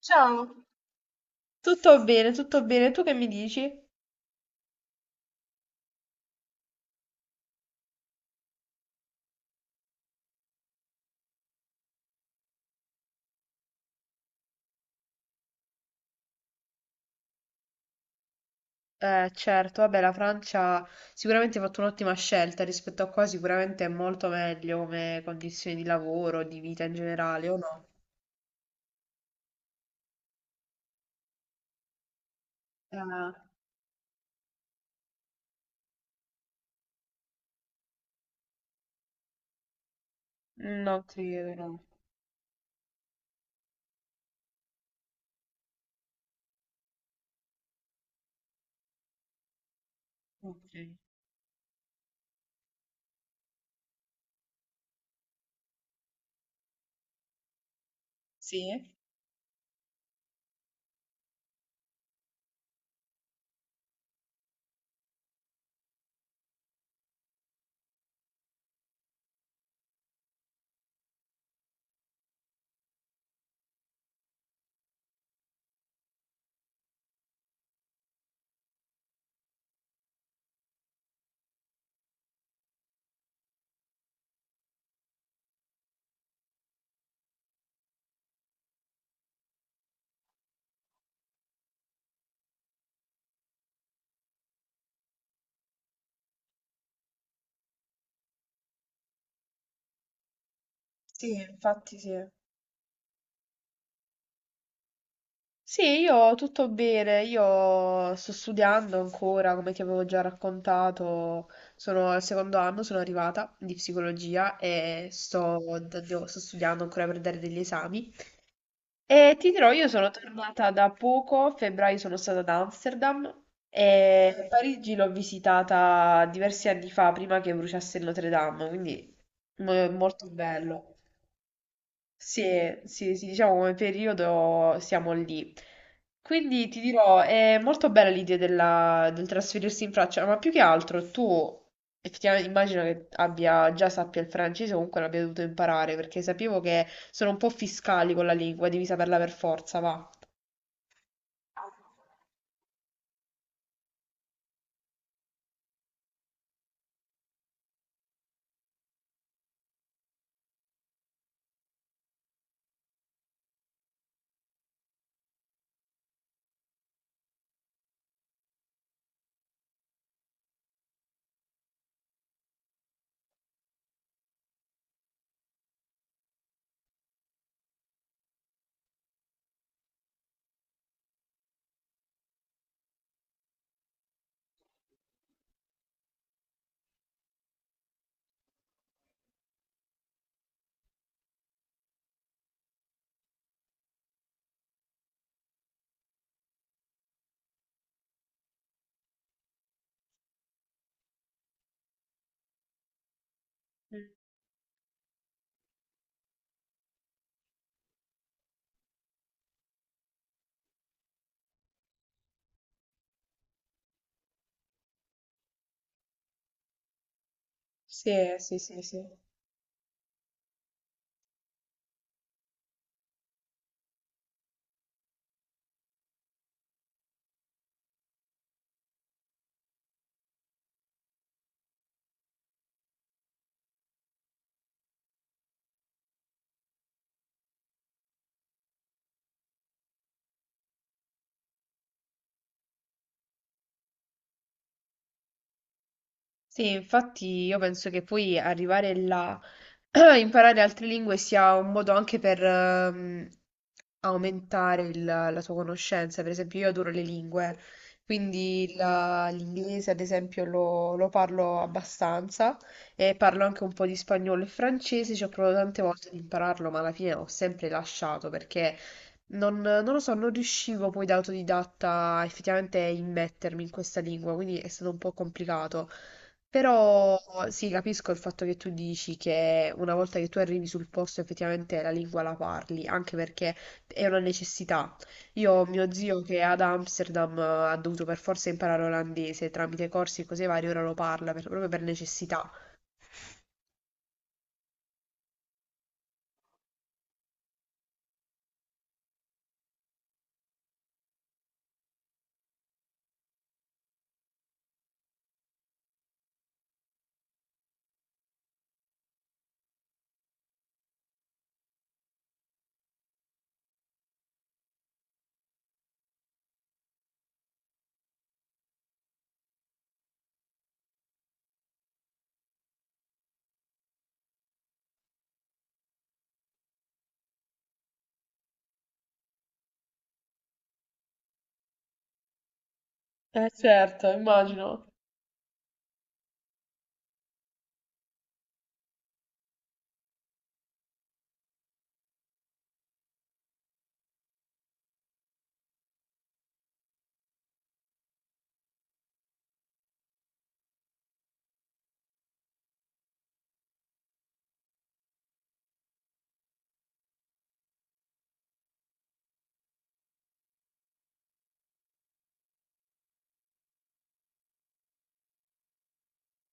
Ciao. Tutto bene, tutto bene. Tu che mi dici? Certo, vabbè, la Francia sicuramente ha fatto un'ottima scelta rispetto a qua, sicuramente è molto meglio come condizioni di lavoro, di vita in generale, o no? Eh, Non credo, no. Ok. Sì? Sì, infatti sì. Sì, io tutto bene, io sto studiando ancora, come ti avevo già raccontato, sono al secondo anno, sono arrivata di psicologia e sto studiando ancora per dare degli esami. E ti dirò, io sono tornata da poco, a febbraio sono stata ad Amsterdam e Parigi l'ho visitata diversi anni fa, prima che bruciasse il Notre Dame, quindi molto bello. Sì, sì, sì, diciamo come periodo siamo lì. Quindi ti dirò, è molto bella del trasferirsi in Francia, ma più che altro tu effettivamente immagino che abbia, già sappia il francese o comunque l'abbia dovuto imparare, perché sapevo che sono un po' fiscali con la lingua, devi saperla per forza, va. Mm. Sì, sì, sì, sì. Sì, infatti io penso che poi arrivare là, imparare altre lingue sia un modo anche per aumentare la tua conoscenza. Per esempio, io adoro le lingue, quindi l'inglese, ad esempio, lo parlo abbastanza e parlo anche un po' di spagnolo e francese. Ci ho provato tante volte ad impararlo, ma alla fine ho sempre lasciato perché non lo so, non riuscivo poi da autodidatta effettivamente a immettermi in questa lingua, quindi è stato un po' complicato. Però sì, capisco il fatto che tu dici che una volta che tu arrivi sul posto effettivamente la lingua la parli, anche perché è una necessità. Io ho mio zio che ad Amsterdam ha dovuto per forza imparare olandese tramite corsi e cose varie, ora lo parla proprio per necessità. Eh certo, immagino.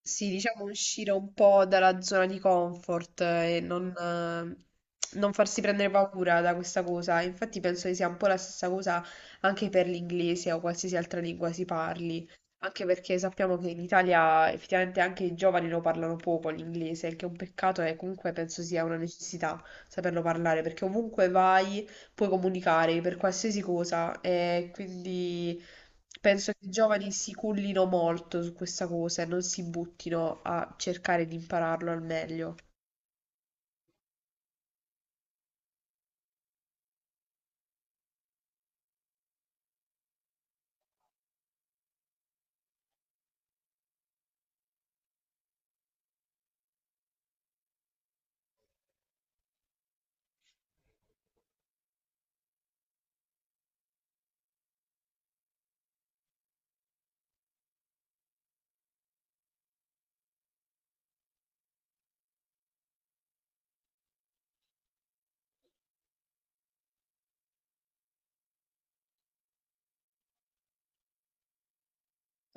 Sì, diciamo uscire un po' dalla zona di comfort e non farsi prendere paura da questa cosa. Infatti penso che sia un po' la stessa cosa anche per l'inglese o qualsiasi altra lingua si parli, anche perché sappiamo che in Italia effettivamente anche i giovani lo parlano poco l'inglese, il che è un peccato e comunque penso sia una necessità saperlo parlare, perché ovunque vai puoi comunicare per qualsiasi cosa e quindi... Penso che i giovani si cullino molto su questa cosa e non si buttino a cercare di impararlo al meglio.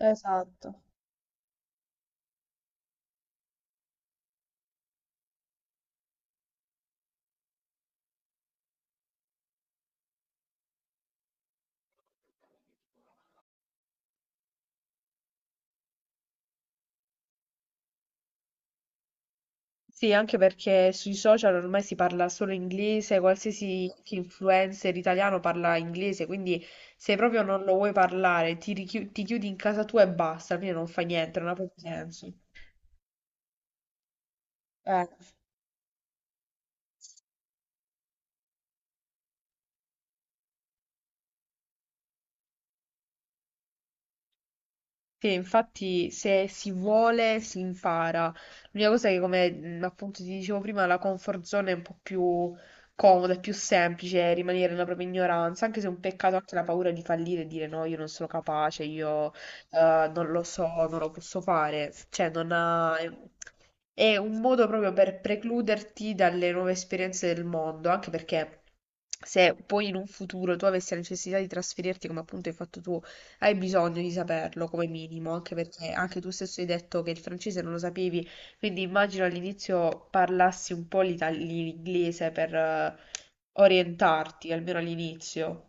Esatto. Sì, anche perché sui social ormai si parla solo inglese, qualsiasi anche influencer italiano parla inglese, quindi se proprio non lo vuoi parlare, ti chiudi in casa tua e basta, alla fine non fa niente, non ha proprio senso. Eh. Sì, infatti se si vuole si impara. L'unica cosa è che, come appunto ti dicevo prima, la comfort zone è un po' più comoda, è più semplice rimanere nella propria ignoranza, anche se è un peccato anche la paura di fallire e dire no, io non sono capace, io non lo so, non lo posso fare. Cioè, non ha... è un modo proprio per precluderti dalle nuove esperienze del mondo, anche perché se poi in un futuro tu avessi la necessità di trasferirti, come appunto hai fatto tu, hai bisogno di saperlo come minimo, anche perché anche tu stesso hai detto che il francese non lo sapevi, quindi immagino all'inizio parlassi un po' l'inglese per orientarti, almeno all'inizio.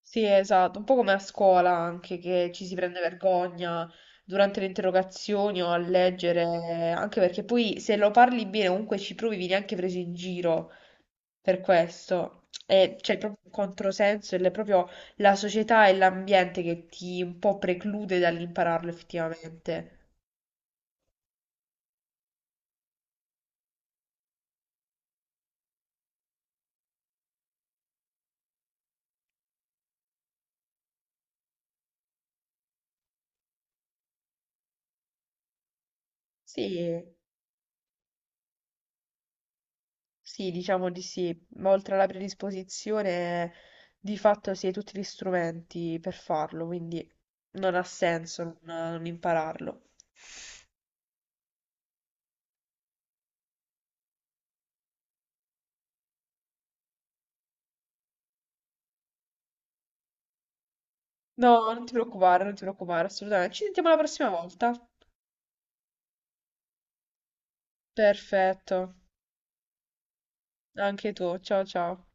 Sì, esatto, un po' come a scuola anche, che ci si prende vergogna durante le interrogazioni o a leggere, anche perché poi se lo parli bene comunque ci provi, vieni anche preso in giro per questo. E c'è proprio un controsenso ed è proprio la società e l'ambiente che ti un po' preclude dall'impararlo effettivamente. Sì. Sì, diciamo di sì, ma oltre alla predisposizione, di fatto si hai tutti gli strumenti per farlo, quindi non ha senso non impararlo. No, non ti preoccupare, non ti preoccupare, assolutamente. Ci sentiamo la prossima volta. Perfetto, anche tu. Ciao ciao.